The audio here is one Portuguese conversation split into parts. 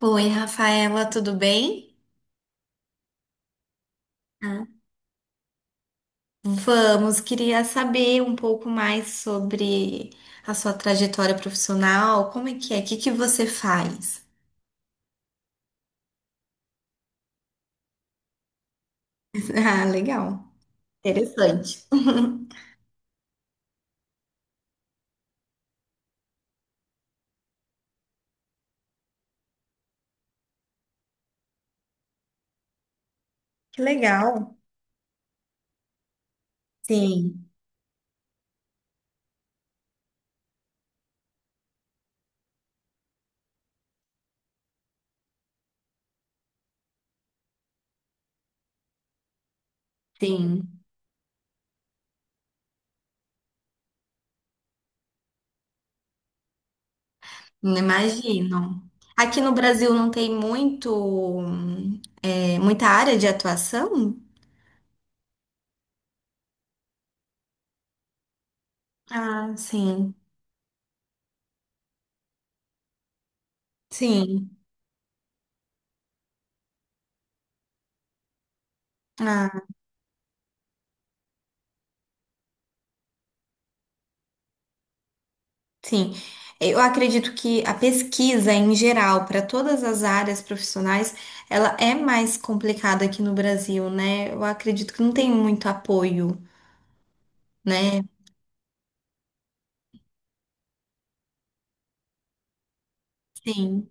Oi, Rafaela, tudo bem? Ah. Vamos, queria saber um pouco mais sobre a sua trajetória profissional. Como é que é? O que que você faz? Ah, legal. Interessante. Que legal. Sim, sim. Não, imagino. Aqui no Brasil não tem muito, muita área de atuação? Ah, sim, sim. Sim, eu acredito que a pesquisa em geral, para todas as áreas profissionais, ela é mais complicada aqui no Brasil, né? Eu acredito que não tem muito apoio, né? Sim,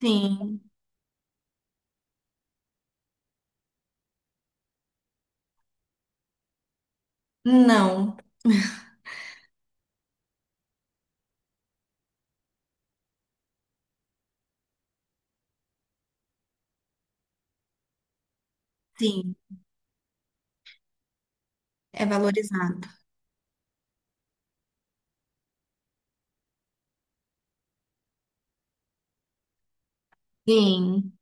sim, não, sim, é valorizado. Sim,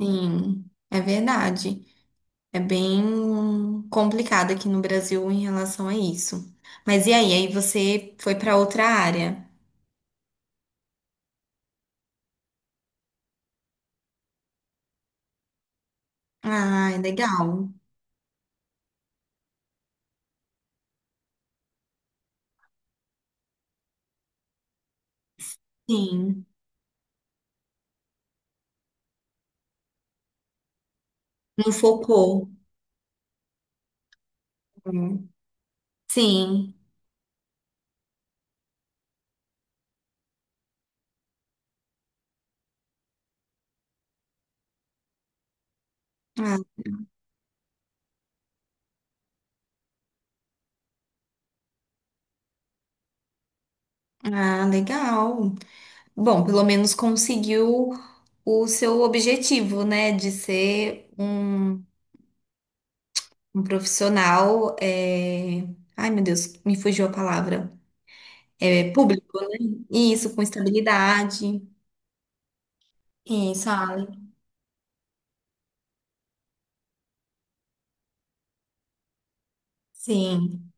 sim, é verdade. É bem complicado aqui no Brasil em relação a isso. Mas e aí? Aí você foi para outra área? Ah, legal. Sim, não focou. É. Sim. Ah, ah, legal. Bom, pelo menos conseguiu o seu objetivo, né? De ser um, um profissional. Ai, meu Deus, me fugiu a palavra. É público, né? Isso, com estabilidade. Isso, Ale. Sim,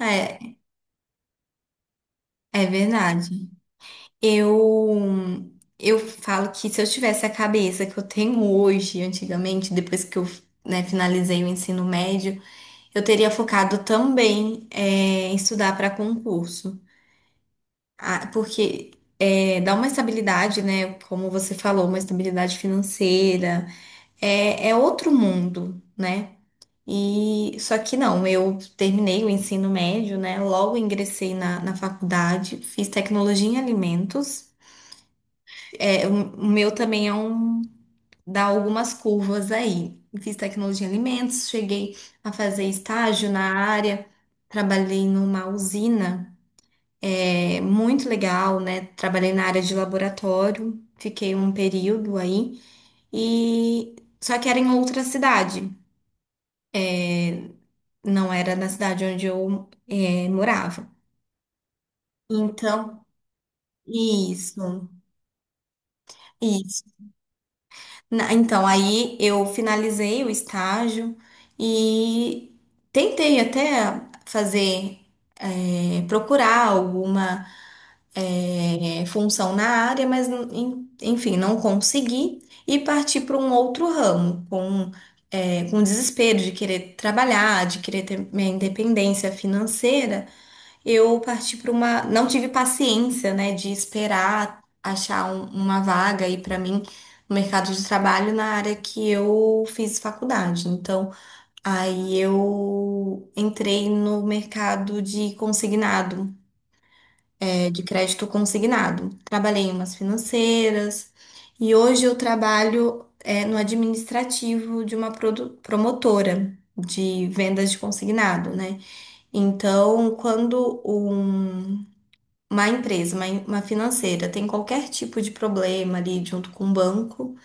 é, é verdade. Eu. Eu falo que se eu tivesse a cabeça que eu tenho hoje, antigamente, depois que eu, né, finalizei o ensino médio, eu teria focado também em estudar para concurso. Ah, porque dá uma estabilidade, né? Como você falou, uma estabilidade financeira, é outro mundo, né? E só que não, eu terminei o ensino médio, né? Logo ingressei na faculdade, fiz tecnologia em alimentos. É, o meu também é um dar algumas curvas aí. Fiz tecnologia em alimentos, cheguei a fazer estágio na área, trabalhei numa usina, é muito legal, né? Trabalhei na área de laboratório, fiquei um período aí, e só que era em outra cidade, não era na cidade onde eu morava. Então, isso. Isso. Então, aí eu finalizei o estágio e tentei até fazer, procurar alguma, função na área, mas enfim, não consegui e parti para um outro ramo, com desespero de querer trabalhar, de querer ter minha independência financeira. Eu parti para uma. Não tive paciência, né, de esperar achar uma vaga aí para mim no mercado de trabalho na área que eu fiz faculdade. Então, aí eu entrei no mercado de consignado, de crédito consignado. Trabalhei em umas financeiras e hoje eu trabalho, no administrativo de uma promotora de vendas de consignado, né? Então, quando uma empresa, uma financeira, tem qualquer tipo de problema ali junto com o banco,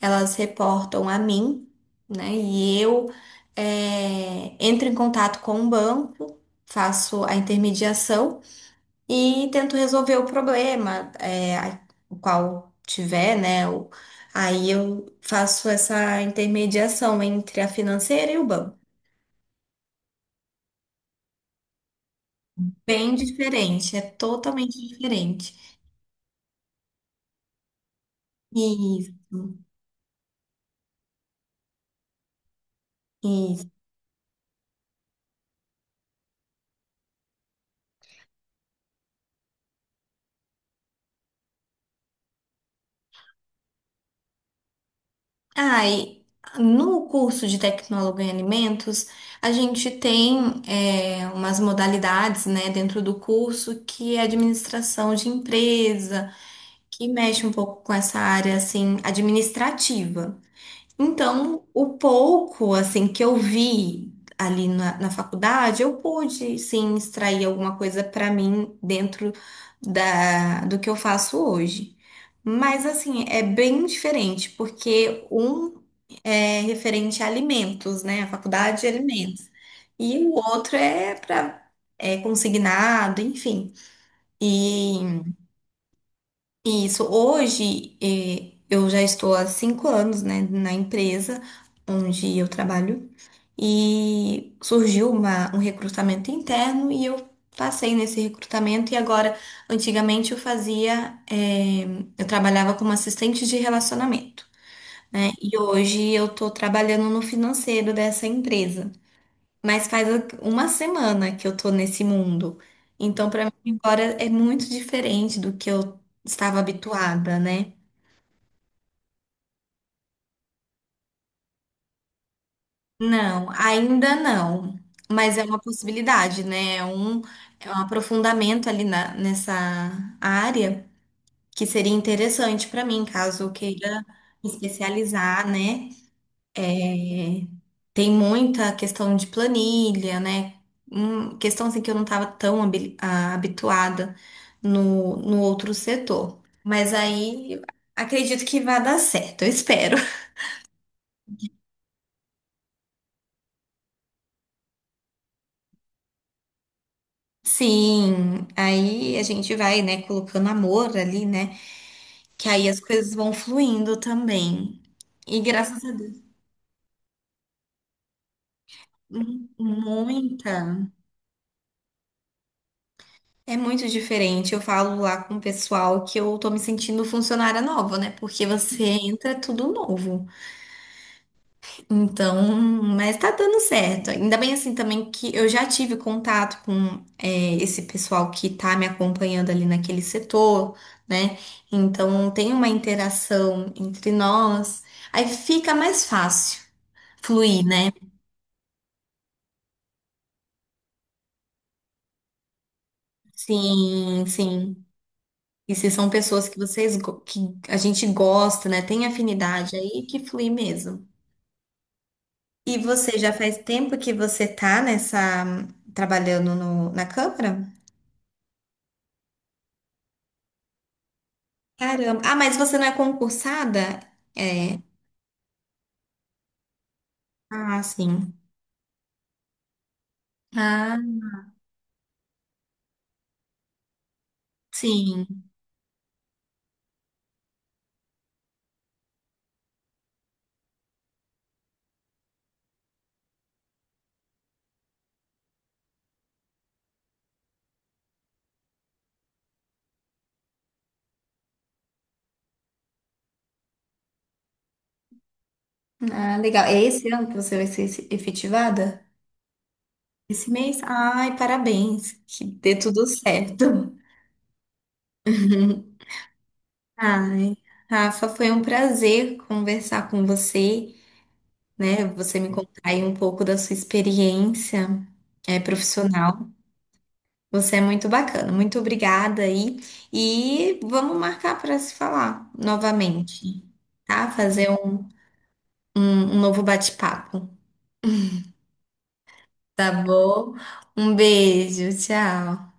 elas reportam a mim, né? E eu entro em contato com o banco, faço a intermediação e tento resolver o problema, o qual tiver, né? Aí eu faço essa intermediação entre a financeira e o banco. Bem diferente, é totalmente diferente. E ai, no curso de tecnólogo em alimentos, a gente tem umas modalidades, né, dentro do curso que é administração de empresa, que mexe um pouco com essa área assim administrativa. Então, o pouco assim que eu vi ali na faculdade, eu pude sim extrair alguma coisa para mim dentro da, do que eu faço hoje. Mas assim, é bem diferente, porque um é referente a alimentos, né? A faculdade de alimentos. E o outro é para consignado, enfim. E isso. Hoje, eu já estou há 5 anos, né, na empresa onde eu trabalho e surgiu um recrutamento interno e eu passei nesse recrutamento e agora, antigamente eu trabalhava como assistente de relacionamento, né, e hoje eu estou trabalhando no financeiro dessa empresa. Mas faz uma semana que eu tô nesse mundo. Então, pra mim, agora é muito diferente do que eu estava habituada, né? Não, ainda não. Mas é uma possibilidade, né? É um aprofundamento ali nessa área que seria interessante pra mim, caso eu queira me especializar, né? É, tem muita questão de planilha, né? Questão assim que eu não estava tão habituada no outro setor. Mas aí acredito que vai dar certo, eu espero. Sim, aí a gente vai, né, colocando amor ali, né? Que aí as coisas vão fluindo também. E graças a Deus, muita. É muito diferente. Eu falo lá com o pessoal que eu tô me sentindo funcionária nova, né? Porque você entra é tudo novo. Então, mas tá dando certo. Ainda bem assim também que eu já tive contato com esse pessoal que tá me acompanhando ali naquele setor, né? Então tem uma interação entre nós. Aí fica mais fácil fluir, né? Sim, sim. E se são pessoas que que a gente gosta, né? Tem afinidade aí que flui mesmo. E você já faz tempo que você tá nessa trabalhando na Câmara? Caramba. Ah, mas você não é concursada? É. Ah, sim. Ah, sim. Ah, legal. É esse ano que você vai ser efetivada? Esse mês? Ai, parabéns. Que dê tudo certo. Ai, Rafa, foi um prazer conversar com você. Né? Você me contar aí um pouco da sua experiência profissional. Você é muito bacana. Muito obrigada aí. E vamos marcar para se falar novamente, tá? Fazer um um novo bate-papo. Tá bom? Um beijo, tchau.